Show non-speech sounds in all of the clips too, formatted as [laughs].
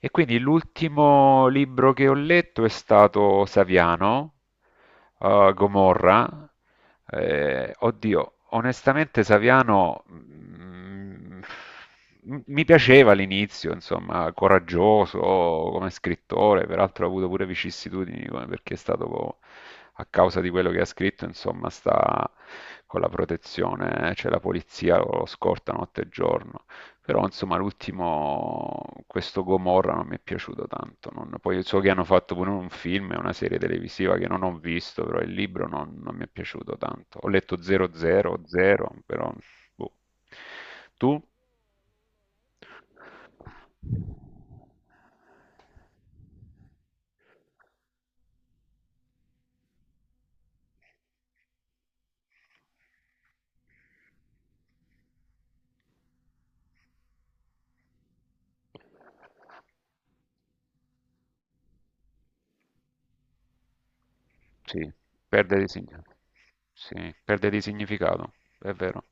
E quindi l'ultimo libro che ho letto è stato Saviano, Gomorra. Oddio, onestamente Saviano mi piaceva all'inizio, insomma, coraggioso come scrittore, peraltro ha avuto pure vicissitudini perché è stato a causa di quello che ha scritto, insomma, sta con la protezione, cioè la polizia lo scorta notte e giorno. Però insomma l'ultimo, questo Gomorra non mi è piaciuto tanto. Poi so che hanno fatto pure un film e una serie televisiva che non ho visto, però il libro non mi è piaciuto tanto. Ho letto 000, però boh. Tu? Sì, perde di, sign- sì, perde di significato, è vero.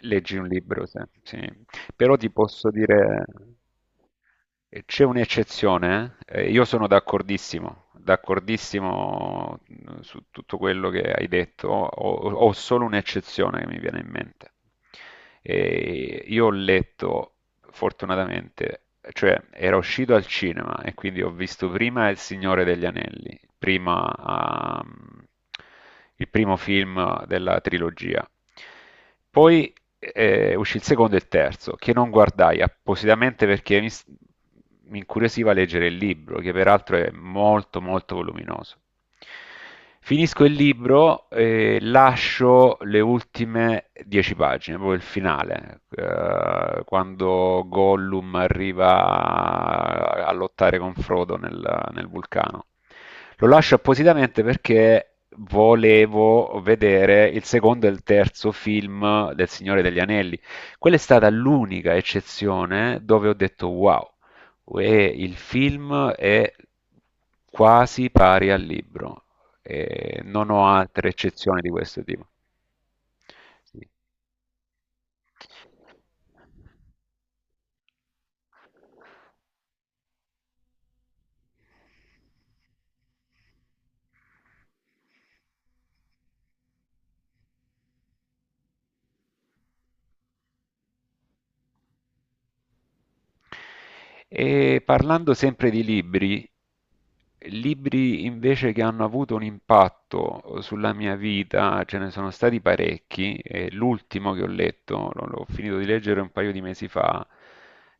Leggi un libro, sì. Però ti posso dire, e c'è un'eccezione, eh? Io sono d'accordissimo, d'accordissimo su tutto quello che hai detto. Ho solo un'eccezione che mi viene in mente. E io ho letto, fortunatamente, cioè era uscito al cinema e quindi ho visto prima Il Signore degli Anelli, prima, il primo film della trilogia. Poi uscì il secondo e il terzo, che non guardai appositamente perché mi incuriosiva leggere il libro, che peraltro è molto molto voluminoso. Finisco il libro e lascio le ultime 10 pagine, proprio il finale, quando Gollum arriva a lottare con Frodo nel vulcano. Lo lascio appositamente perché volevo vedere il secondo e il terzo film del Signore degli Anelli. Quella è stata l'unica eccezione dove ho detto: "Wow, e il film è quasi pari al libro". E non ho altre eccezioni di questo tipo. Sì. E parlando sempre di libri, libri invece che hanno avuto un impatto sulla mia vita, ce ne sono stati parecchi. E l'ultimo che ho letto, l'ho finito di leggere un paio di mesi fa,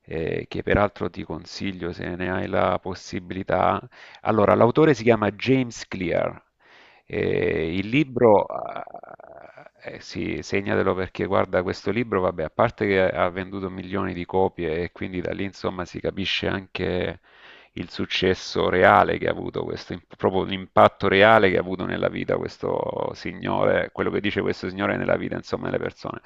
che peraltro ti consiglio se ne hai la possibilità. Allora, l'autore si chiama James Clear il libro sì, segnatelo perché guarda, questo libro, vabbè, a parte che ha venduto milioni di copie e quindi da lì insomma si capisce anche il successo reale che ha avuto questo, proprio l'impatto reale che ha avuto nella vita questo signore, quello che dice questo signore nella vita, insomma, delle persone.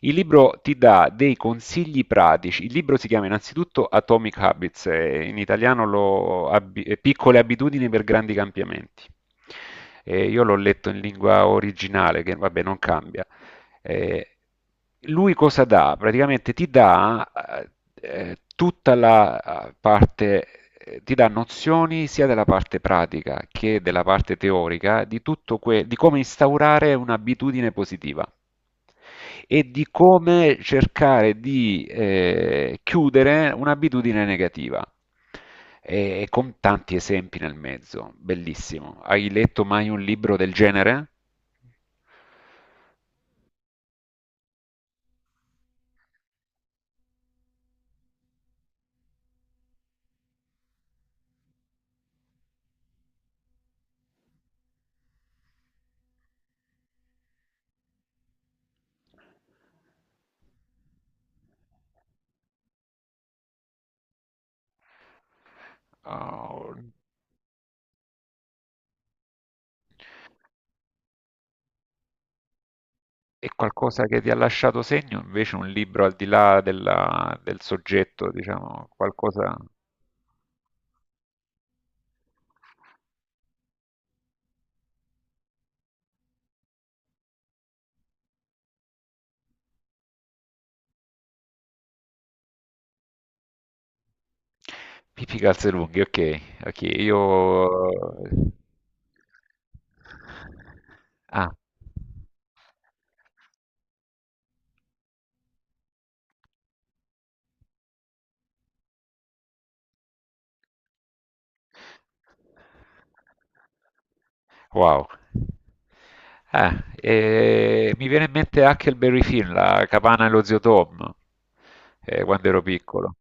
Il libro ti dà dei consigli pratici. Il libro si chiama innanzitutto Atomic Habits, in italiano Piccole abitudini per grandi cambiamenti. E io l'ho letto in lingua originale, che vabbè non cambia. Eh, Lui cosa dà? Praticamente ti dà eh, tutta la parte, ti dà nozioni sia della parte pratica che della parte teorica di tutto di come instaurare un'abitudine positiva e di come cercare di chiudere un'abitudine negativa. E con tanti esempi nel mezzo, bellissimo. Hai letto mai un libro del genere? Oh, e qualcosa che ti ha lasciato segno, invece un libro al di là del soggetto, diciamo, qualcosa. Pippi Calzelunghi, ok, ok, io. Ah, wow. Ah, e mi viene in mente Huckleberry Finn, la Capana e lo zio Tom, quando ero piccolo.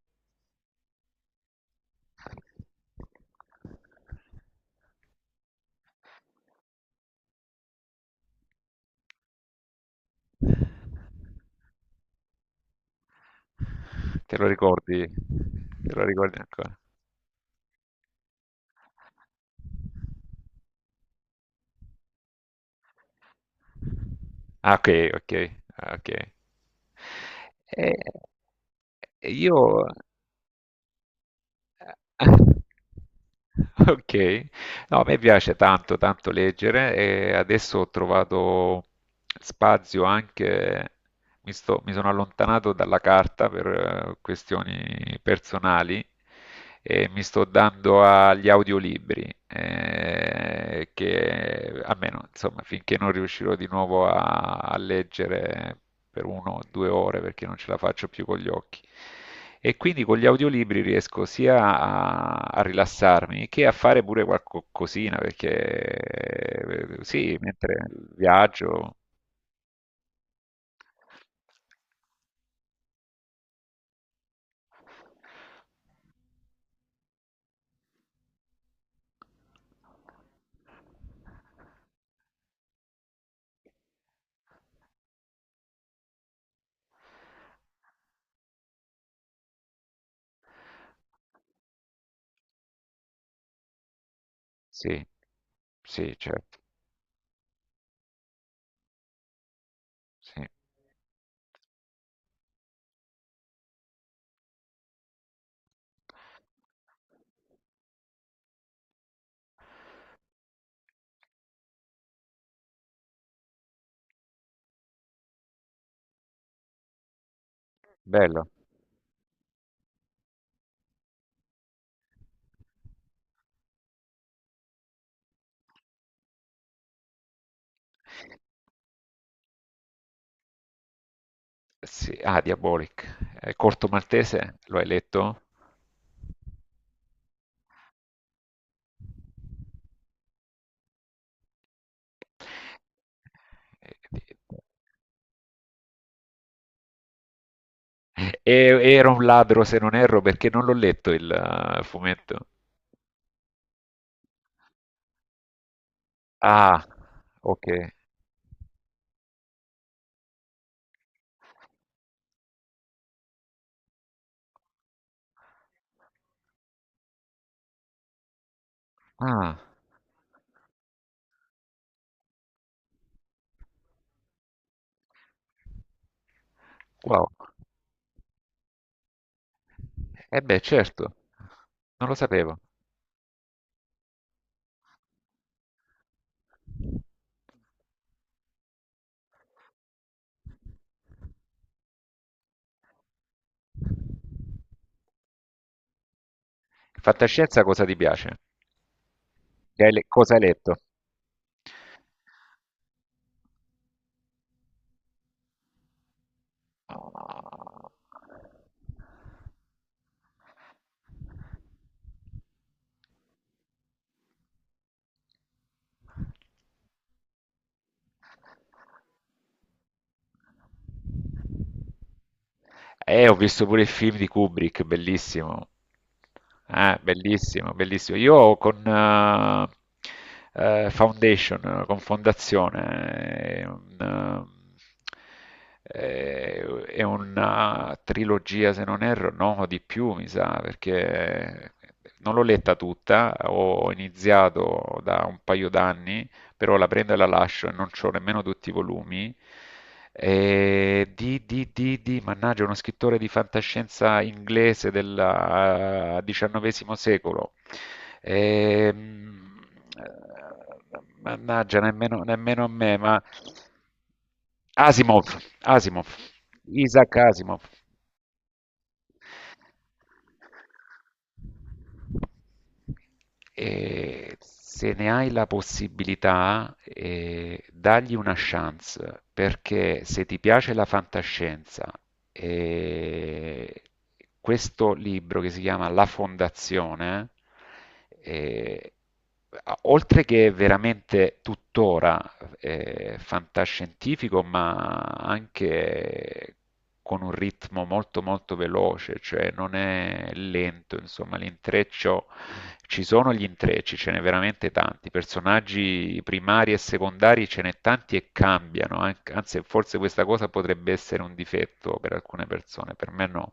Te lo ricordi? Te lo ricordi ancora? Ah, ok, ok, ah, ok. Io. [laughs] Ok, no, a me piace tanto, tanto leggere e adesso ho trovato spazio anche, mi sono allontanato dalla carta per questioni personali e mi sto dando agli audiolibri, che almeno, insomma, finché non riuscirò di nuovo a leggere per 1 o 2 ore perché non ce la faccio più con gli occhi. E quindi con gli audiolibri riesco sia a rilassarmi che a fare pure qualcosina, perché sì, mentre viaggio. Sì, sì, certo, sì. Bello. Sì. Ah, Diabolic. Corto Maltese, lo hai letto? Era un ladro, se non erro, perché non l'ho letto il fumetto. Ah, ok. Ah, wow. Eh beh, certo, non lo sapevo. Fantascienza cosa ti piace? Che hai cosa hai letto? Ah, ho visto pure il film di Kubrick, bellissimo. Ah, bellissimo, bellissimo. Io con Foundation, con Fondazione, è una trilogia, se non erro, no, di più, mi sa, perché non l'ho letta tutta, ho iniziato da un paio d'anni però la prendo e la lascio e non ho nemmeno tutti i volumi. E mannaggia, uno scrittore di fantascienza inglese del XIX secolo. Ehm, eh, Mannaggia, nemmeno, nemmeno a me, ma Asimov, Asimov, Isaac Asimov. E se ne hai la possibilità, dagli una chance, perché se ti piace la fantascienza, eh, questo libro che si chiama La Fondazione eh, oltre che veramente tuttora fantascientifico, ma anche con un ritmo molto molto veloce, cioè non è lento, insomma, l'intreccio, ci sono gli intrecci, ce n'è veramente tanti, personaggi primari e secondari ce n'è tanti e cambiano, anzi forse questa cosa potrebbe essere un difetto per alcune persone, per me no,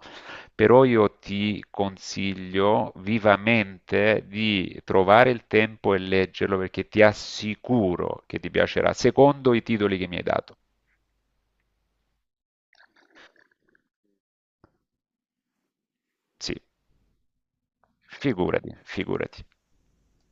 però io ti consiglio vivamente di trovare il tempo e leggerlo perché ti assicuro che ti piacerà, secondo i titoli che mi hai dato. Sì, figurati, figurati.